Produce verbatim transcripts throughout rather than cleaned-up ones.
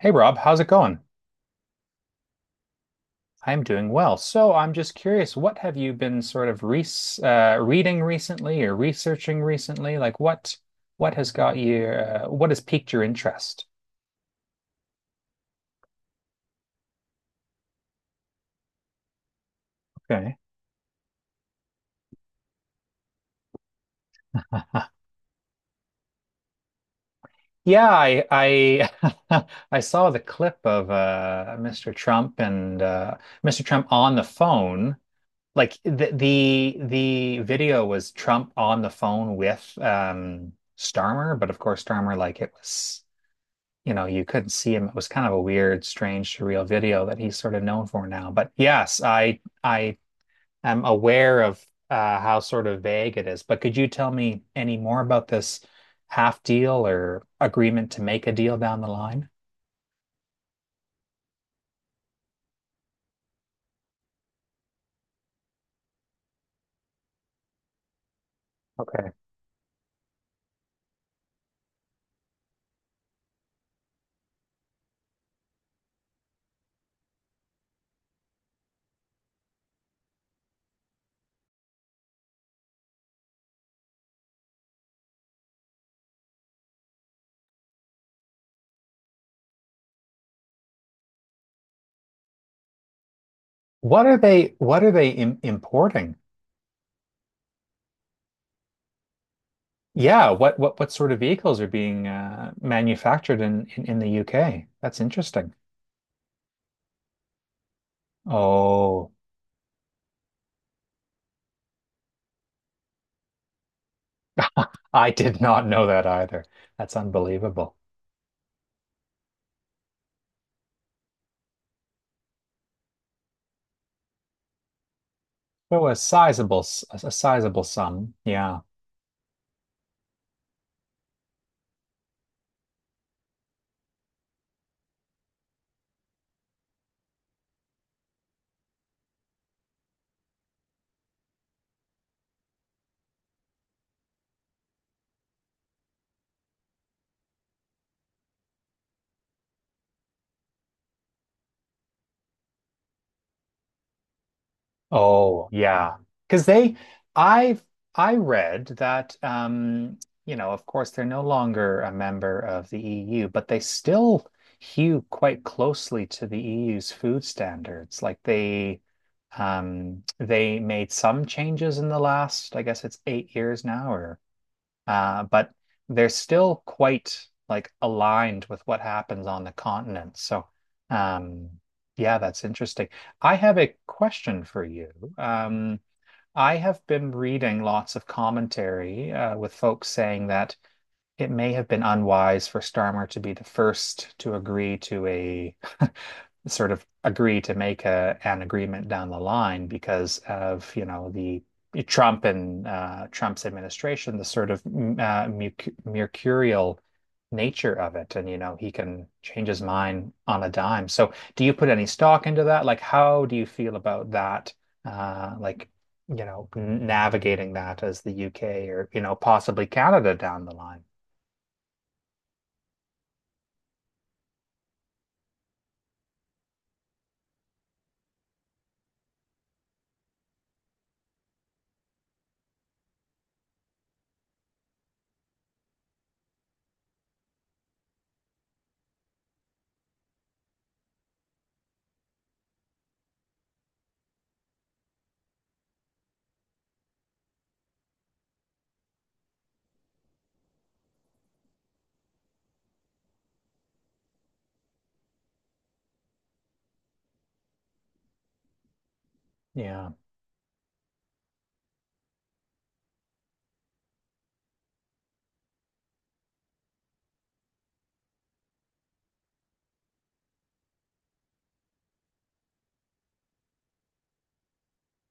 Hey Rob, how's it going? I'm doing well. So I'm just curious, what have you been sort of re uh, reading recently or researching recently? Like what what has got you uh, what has piqued your interest? Okay. Yeah, I I I saw the clip of uh, Mister Trump and uh, Mister Trump on the phone. Like the the the video was Trump on the phone with um, Starmer, but of course Starmer like it was. you know, you couldn't see him. It was kind of a weird, strange, surreal video that he's sort of known for now. But yes, I I am aware of uh, how sort of vague it is. But could you tell me any more about this half deal or agreement to make a deal down the line? Okay. What are they what are they im importing? Yeah, what what what sort of vehicles are being uh, manufactured in, in in the U K? That's interesting. Oh, I did not know that either. That's unbelievable. Well, a sizable, s- a sizable sum. Yeah. Oh, yeah. Because they, I've, I read that, um, you know, of course, they're no longer a member of the E U, but they still hew quite closely to the E U's food standards. Like they, um, they made some changes in the last, I guess it's eight years now, or uh, but they're still quite like aligned with what happens on the continent. So, um, yeah, that's interesting. I have a question for you. Um, I have been reading lots of commentary uh, with folks saying that it may have been unwise for Starmer to be the first to agree to a sort of agree to make a an agreement down the line because of, you know, the Trump and uh, Trump's administration, the sort of mm, uh, mercurial nature of it, and you know, he can change his mind on a dime. So, do you put any stock into that? Like, how do you feel about that? Uh, like, you know, navigating that as the U K or, you know, possibly Canada down the line. Yeah,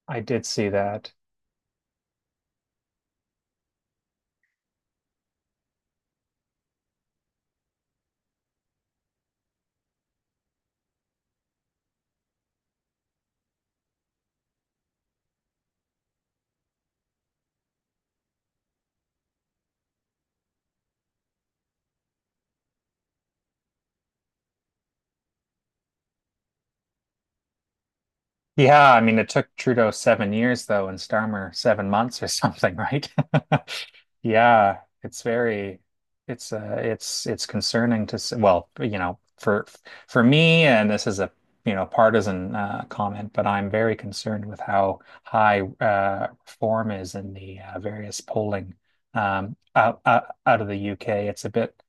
I did see that. Yeah, I mean, it took Trudeau seven years though, and Starmer seven months or something, right? Yeah, it's very, it's uh, it's it's concerning to s well, you know, for for me, and this is a you know partisan uh, comment, but I'm very concerned with how high uh, reform is in the uh, various polling um, out, out out of the U K. It's a bit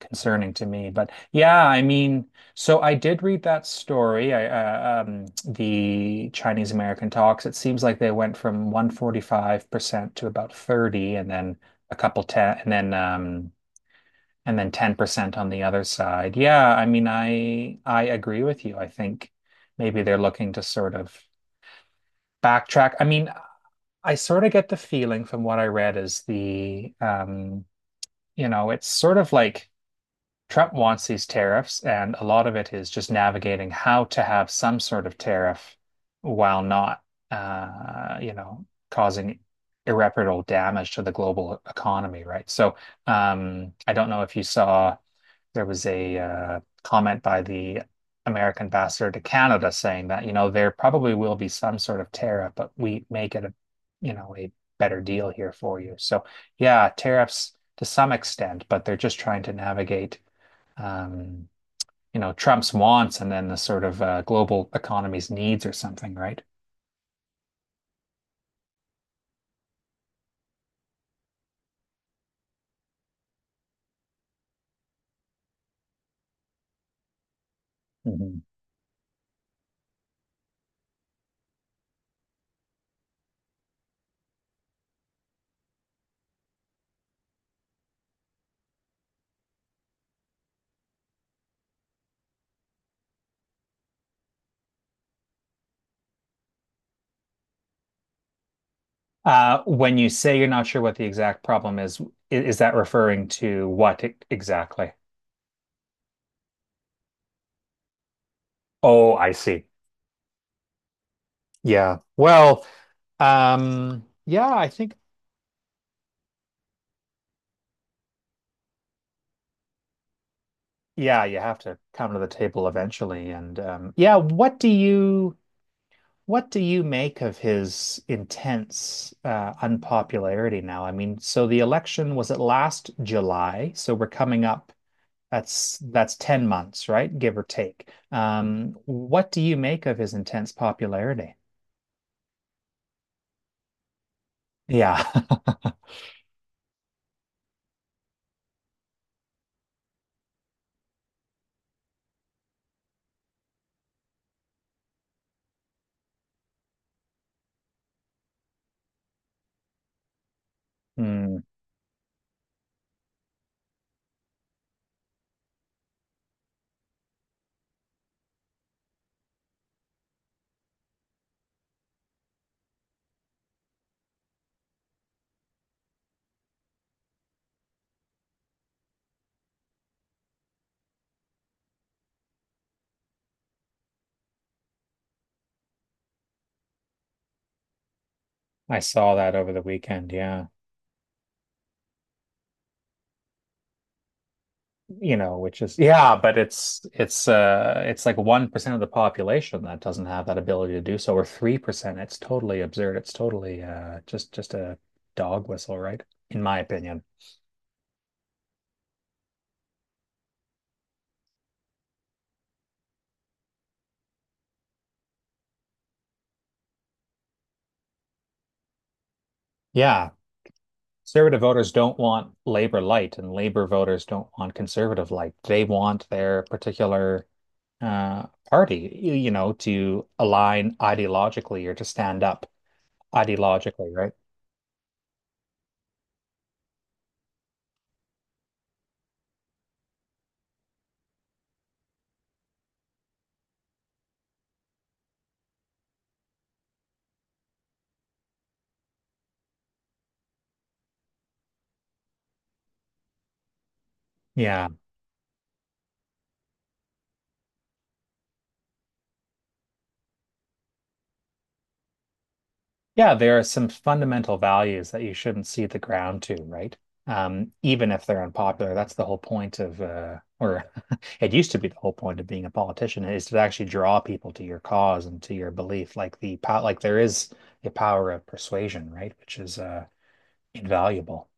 concerning to me. But yeah, I mean, so I did read that story, I, uh, um, the Chinese American talks. It seems like they went from one hundred forty-five percent to about thirty and then a couple ten and then um and then ten percent on the other side. Yeah, I mean, I I agree with you. I think maybe they're looking to sort of backtrack. I mean, I sort of get the feeling from what I read is the um, you know, it's sort of like Trump wants these tariffs, and a lot of it is just navigating how to have some sort of tariff while not, uh, you know, causing irreparable damage to the global economy, right? So, um, I don't know if you saw there was a uh, comment by the American ambassador to Canada saying that, you know, there probably will be some sort of tariff, but we may get a, you know, a better deal here for you. So, yeah, tariffs to some extent, but they're just trying to navigate um, you know, Trump's wants and then the sort of uh, global economy's needs or something, right? Mhm. Uh, when you say you're not sure what the exact problem is, is that referring to what e- exactly? Oh, I see. Yeah. Well, um, yeah, I think, yeah, you have to come to the table eventually. And um, yeah, what do you what do you make of his intense uh, unpopularity now? I mean, so the election was at last July? So we're coming up. That's that's ten months, right? Give or take. Um, what do you make of his intense popularity? Yeah. Hmm. I saw that over the weekend. Yeah. You know, which is yeah, but it's it's uh it's like one percent of the population that doesn't have that ability to do so, or three percent. It's totally absurd. It's totally uh just just a dog whistle, right? In my opinion. Yeah. Conservative voters don't want Labor light, and Labor voters don't want conservative light. They want their particular uh party, you, you know, to align ideologically or to stand up ideologically, right? Yeah. Yeah, there are some fundamental values that you shouldn't see the ground to, right? Um, even if they're unpopular, that's the whole point of, uh, or it used to be the whole point of being a politician is to actually draw people to your cause and to your belief. Like the power, like there is a power of persuasion, right? Which is uh, invaluable.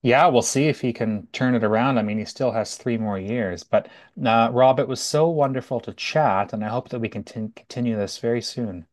Yeah, we'll see if he can turn it around. I mean, he still has three more years. But uh, Rob, it was so wonderful to chat, and I hope that we can tin- continue this very soon.